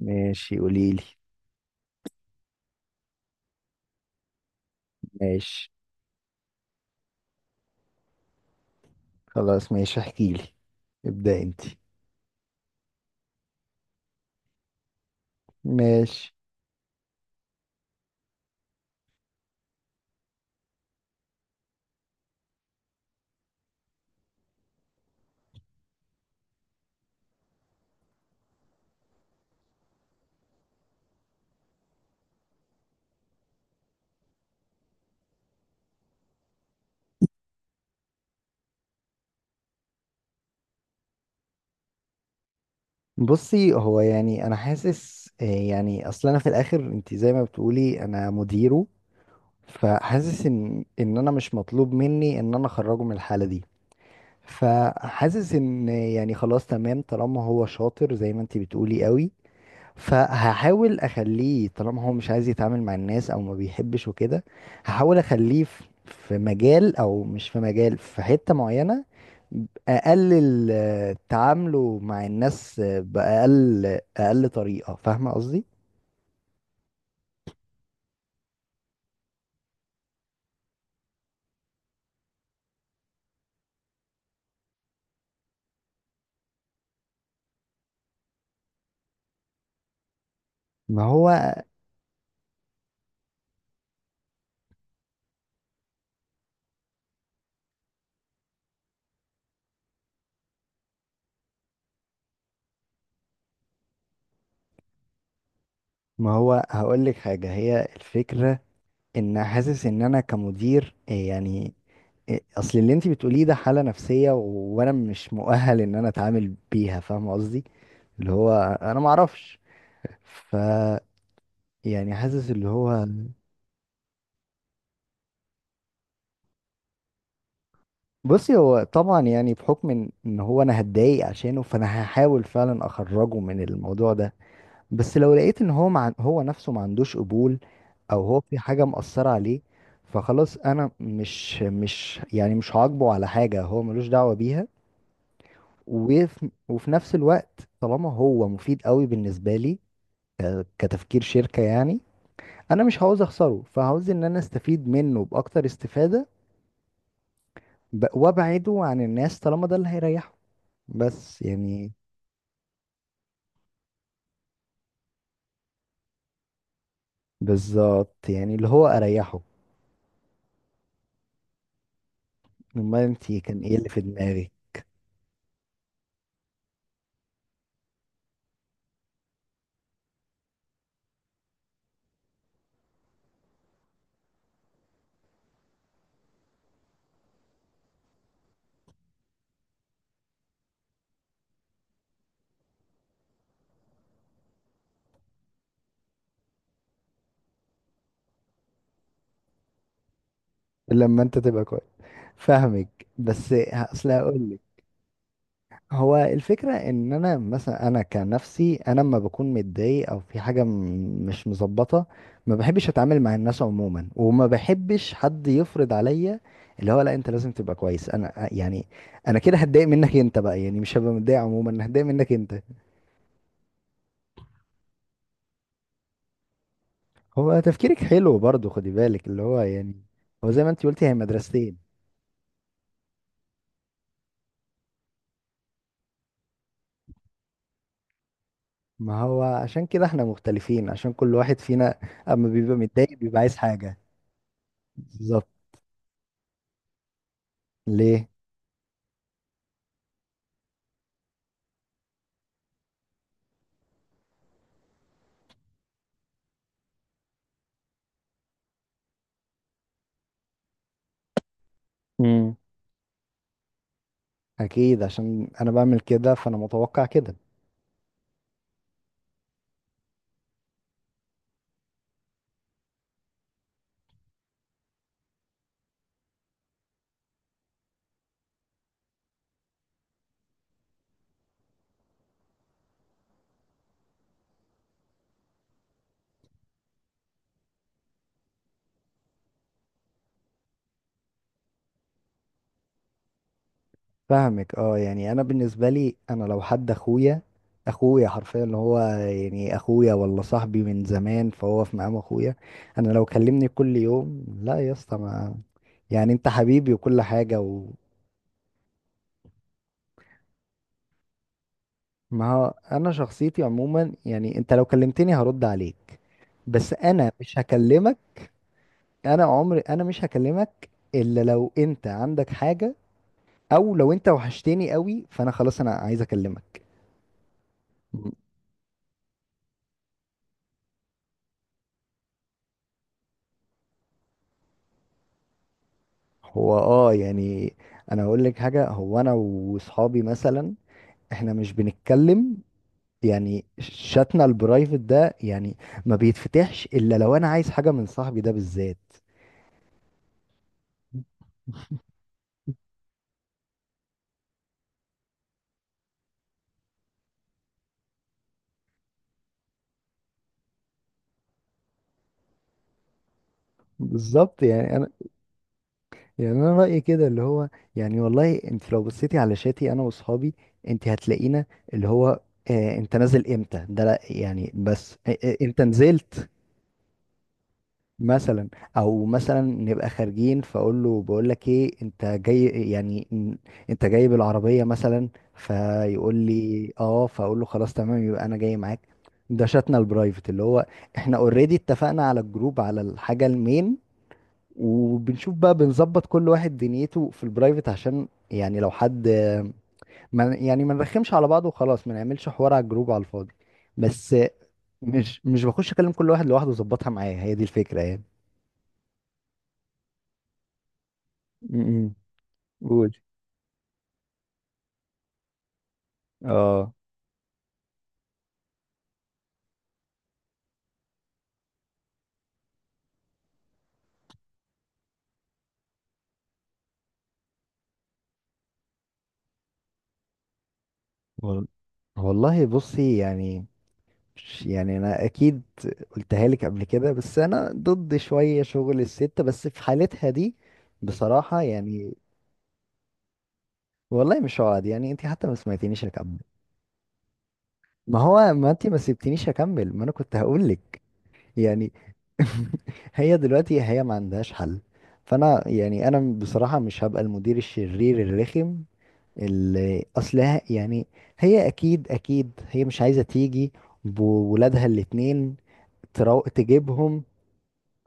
ماشي، قوليلي. ماشي. خلاص ماشي، احكيلي. ابدأ انت. ماشي. بصي، هو يعني انا حاسس يعني اصل انا في الاخر انت زي ما بتقولي انا مديره. فحاسس ان انا مش مطلوب مني ان انا اخرجه من الحالة دي. فحاسس ان يعني خلاص تمام طالما هو شاطر زي ما انت بتقولي قوي. فهحاول اخليه طالما هو مش عايز يتعامل مع الناس او ما بيحبش وكده. هحاول اخليه في مجال او مش في مجال، في حتة معينة. اقلل تعامله مع الناس باقل اقل طريقة، فاهمة قصدي؟ ما هو ما هو هقول لك حاجة، هي الفكرة ان حاسس ان انا كمدير يعني اصل اللي انت بتقوليه ده حالة نفسية وانا مش مؤهل ان انا اتعامل بيها، فاهمة قصدي؟ اللي هو انا ما اعرفش. ف، يعني حاسس اللي هو. بصي هو طبعا يعني بحكم إن هو انا هتضايق عشانه، فانا هحاول فعلا اخرجه من الموضوع ده. بس لو لقيت ان هو مع هو نفسه ما عندوش قبول، او هو في حاجة مأثرة عليه، فخلاص انا مش يعني مش هعاقبه على حاجة هو ملوش دعوة بيها. وفي نفس الوقت طالما هو مفيد قوي بالنسبة لي، كتفكير شركة يعني، انا مش عاوز اخسره، فعاوز ان انا استفيد منه باكتر استفادة. وابعده عن الناس طالما ده اللي هيريحه. بس يعني. بالظبط يعني اللي هو اريحه. امال انت كان ايه اللي في دماغي؟ لما انت تبقى كويس. فاهمك. بس اصل هقول لك. هو الفكره ان انا مثلا، انا كنفسي، انا لما بكون متضايق او في حاجه مش مظبطه، ما بحبش اتعامل مع الناس عموما، وما بحبش حد يفرض عليا اللي هو لا انت لازم تبقى كويس. انا يعني انا كده هتضايق منك انت بقى، يعني مش هبقى متضايق عموما، هتضايق منك انت. هو تفكيرك حلو برضو خدي بالك، اللي هو يعني هو زي ما انت قلتي هي مدرستين. ما هو عشان كده احنا مختلفين، عشان كل واحد فينا اما بيبقى متضايق بيبقى عايز حاجة. بالظبط. ليه؟ امم. اكيد عشان انا بعمل كده فانا متوقع كده. فاهمك. اه يعني انا بالنسبة لي، انا لو حد اخويا، اخويا حرفيا اللي هو يعني اخويا، ولا صاحبي من زمان فهو في مقام اخويا، انا لو كلمني كل يوم، لا يا اسطى ما، يعني انت حبيبي وكل حاجة. ما هو انا شخصيتي عموما يعني انت لو كلمتني هرد عليك، بس انا مش هكلمك. انا عمري انا مش هكلمك، الا لو انت عندك حاجة، او لو انت وحشتني قوي فانا خلاص انا عايز اكلمك. هو اه يعني انا اقول لك حاجة، هو انا واصحابي مثلا احنا مش بنتكلم، يعني شاتنا البرايفت ده يعني ما بيتفتحش الا لو انا عايز حاجة من صاحبي ده بالذات. بالظبط يعني. يعني انا رايي كده اللي هو، يعني والله انت لو بصيتي على شاتي انا واصحابي، انت هتلاقينا اللي هو، آه انت نازل امتى ده لا يعني بس آه انت نزلت مثلا. او مثلا نبقى خارجين فاقول له بقول لك ايه، انت جاي يعني انت جاي بالعربيه مثلا، فيقول لي اه، فاقول له خلاص تمام يبقى انا جاي معاك. ده شاتنا البرايفت اللي هو، احنا اوريدي اتفقنا على الجروب على الحاجه المين، وبنشوف بقى بنظبط كل واحد دنيته في البرايفت، عشان يعني لو حد ما يعني ما نرخمش على بعض، وخلاص ما نعملش حوار على الجروب على الفاضي بس. مش بخش اكلم كل واحد لوحده واظبطها معايا، هي دي الفكرة يعني. امم. قول. اه. وال- والله بصي يعني. يعني انا اكيد قلتها لك قبل كده، بس انا ضد شوية شغل الست، بس في حالتها دي بصراحة يعني. والله مش هقعد، يعني انت حتى ما سمعتنيش. ما هو ما انت ما سبتنيش اكمل، ما انا كنت هقول لك. يعني هي دلوقتي هي ما عندهاش حل، فانا يعني انا بصراحة مش هبقى المدير الشرير الرخم اللي اصلها يعني. هي اكيد اكيد هي مش عايزة تيجي بولادها الاتنين تجيبهم.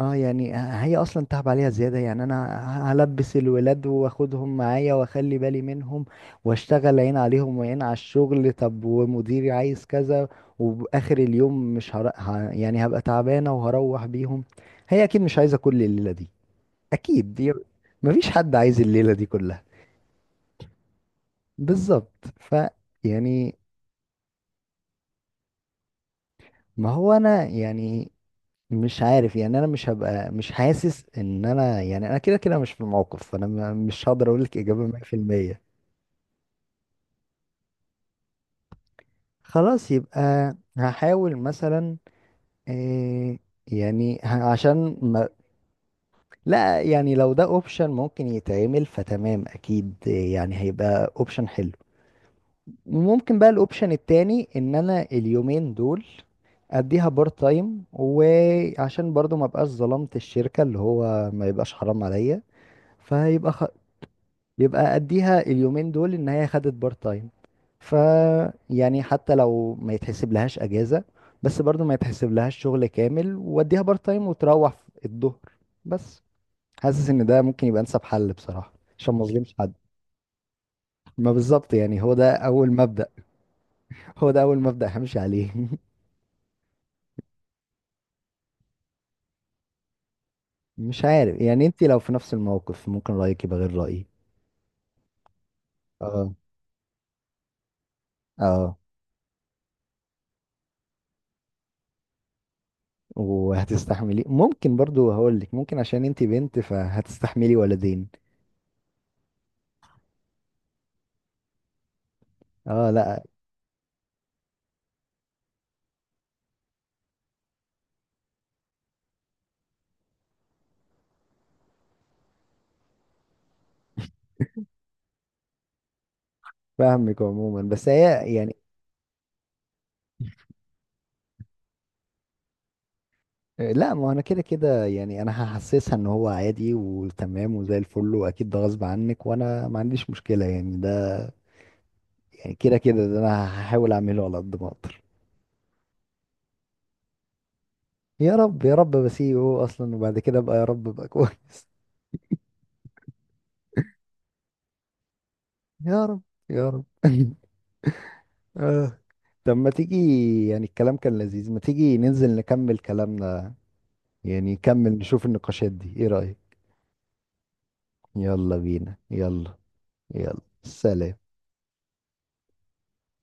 اه يعني هي اصلا تعب عليها زياده. يعني انا هلبس الولاد واخدهم معايا واخلي بالي منهم، واشتغل عين عليهم وعين على الشغل، طب ومديري عايز كذا، وباخر اليوم مش هر... ه... يعني هبقى تعبانه وهروح بيهم. هي اكيد مش عايزه كل الليله دي. اكيد دي. مفيش حد عايز الليله دي كلها. بالظبط. ف، يعني. ما هو انا يعني مش عارف يعني انا مش هبقى، مش حاسس ان انا يعني انا كده كده مش في الموقف، فانا مش هقدر اقول لك اجابه 100%. خلاص يبقى هحاول مثلا إيه، يعني عشان ما. لا يعني لو ده اوبشن ممكن يتعمل فتمام اكيد يعني هيبقى اوبشن حلو. ممكن بقى الاوبشن التاني ان انا اليومين دول اديها بارت تايم، وعشان برضو ما بقاش ظلمت الشركه اللي هو ما يبقاش حرام عليا. فيبقى، يبقى اديها اليومين دول ان هي خدت بارت تايم. ف، يعني حتى لو ما يتحسب لهاش اجازة، بس برضو ما يتحسب لهاش شغل كامل، واديها بارت تايم وتروح في الظهر بس. حاسس ان ده ممكن يبقى انسب حل بصراحة عشان ما اظلمش حد. ما بالظبط يعني هو ده اول مبدأ هو ده اول مبدأ همشي عليه مش عارف يعني انت لو في نفس الموقف ممكن رأيك يبقى غير رأيي. اه. اه. وهتستحملي؟ ممكن برضو هقول لك ممكن عشان انت بنت فهتستحملي ولدين. اه لا. فاهمك عموما بس هي يعني. لا ما انا كده كده يعني انا هحسسها ان هو عادي وتمام وزي الفل واكيد ده غصب عنك وانا ما عنديش مشكله يعني ده، يعني كده كده ده انا هحاول اعمله على قد ما اقدر. يا رب يا رب بسيبه هو اصلا، وبعد كده بقى يا رب بقى كويس يا رب يا رب آه. طب ما تيجي، يعني الكلام كان لذيذ، ما تيجي ننزل نكمل كلامنا، يعني نكمل نشوف النقاشات دي، ايه رايك؟ يلا بينا يلا. يلا سلام.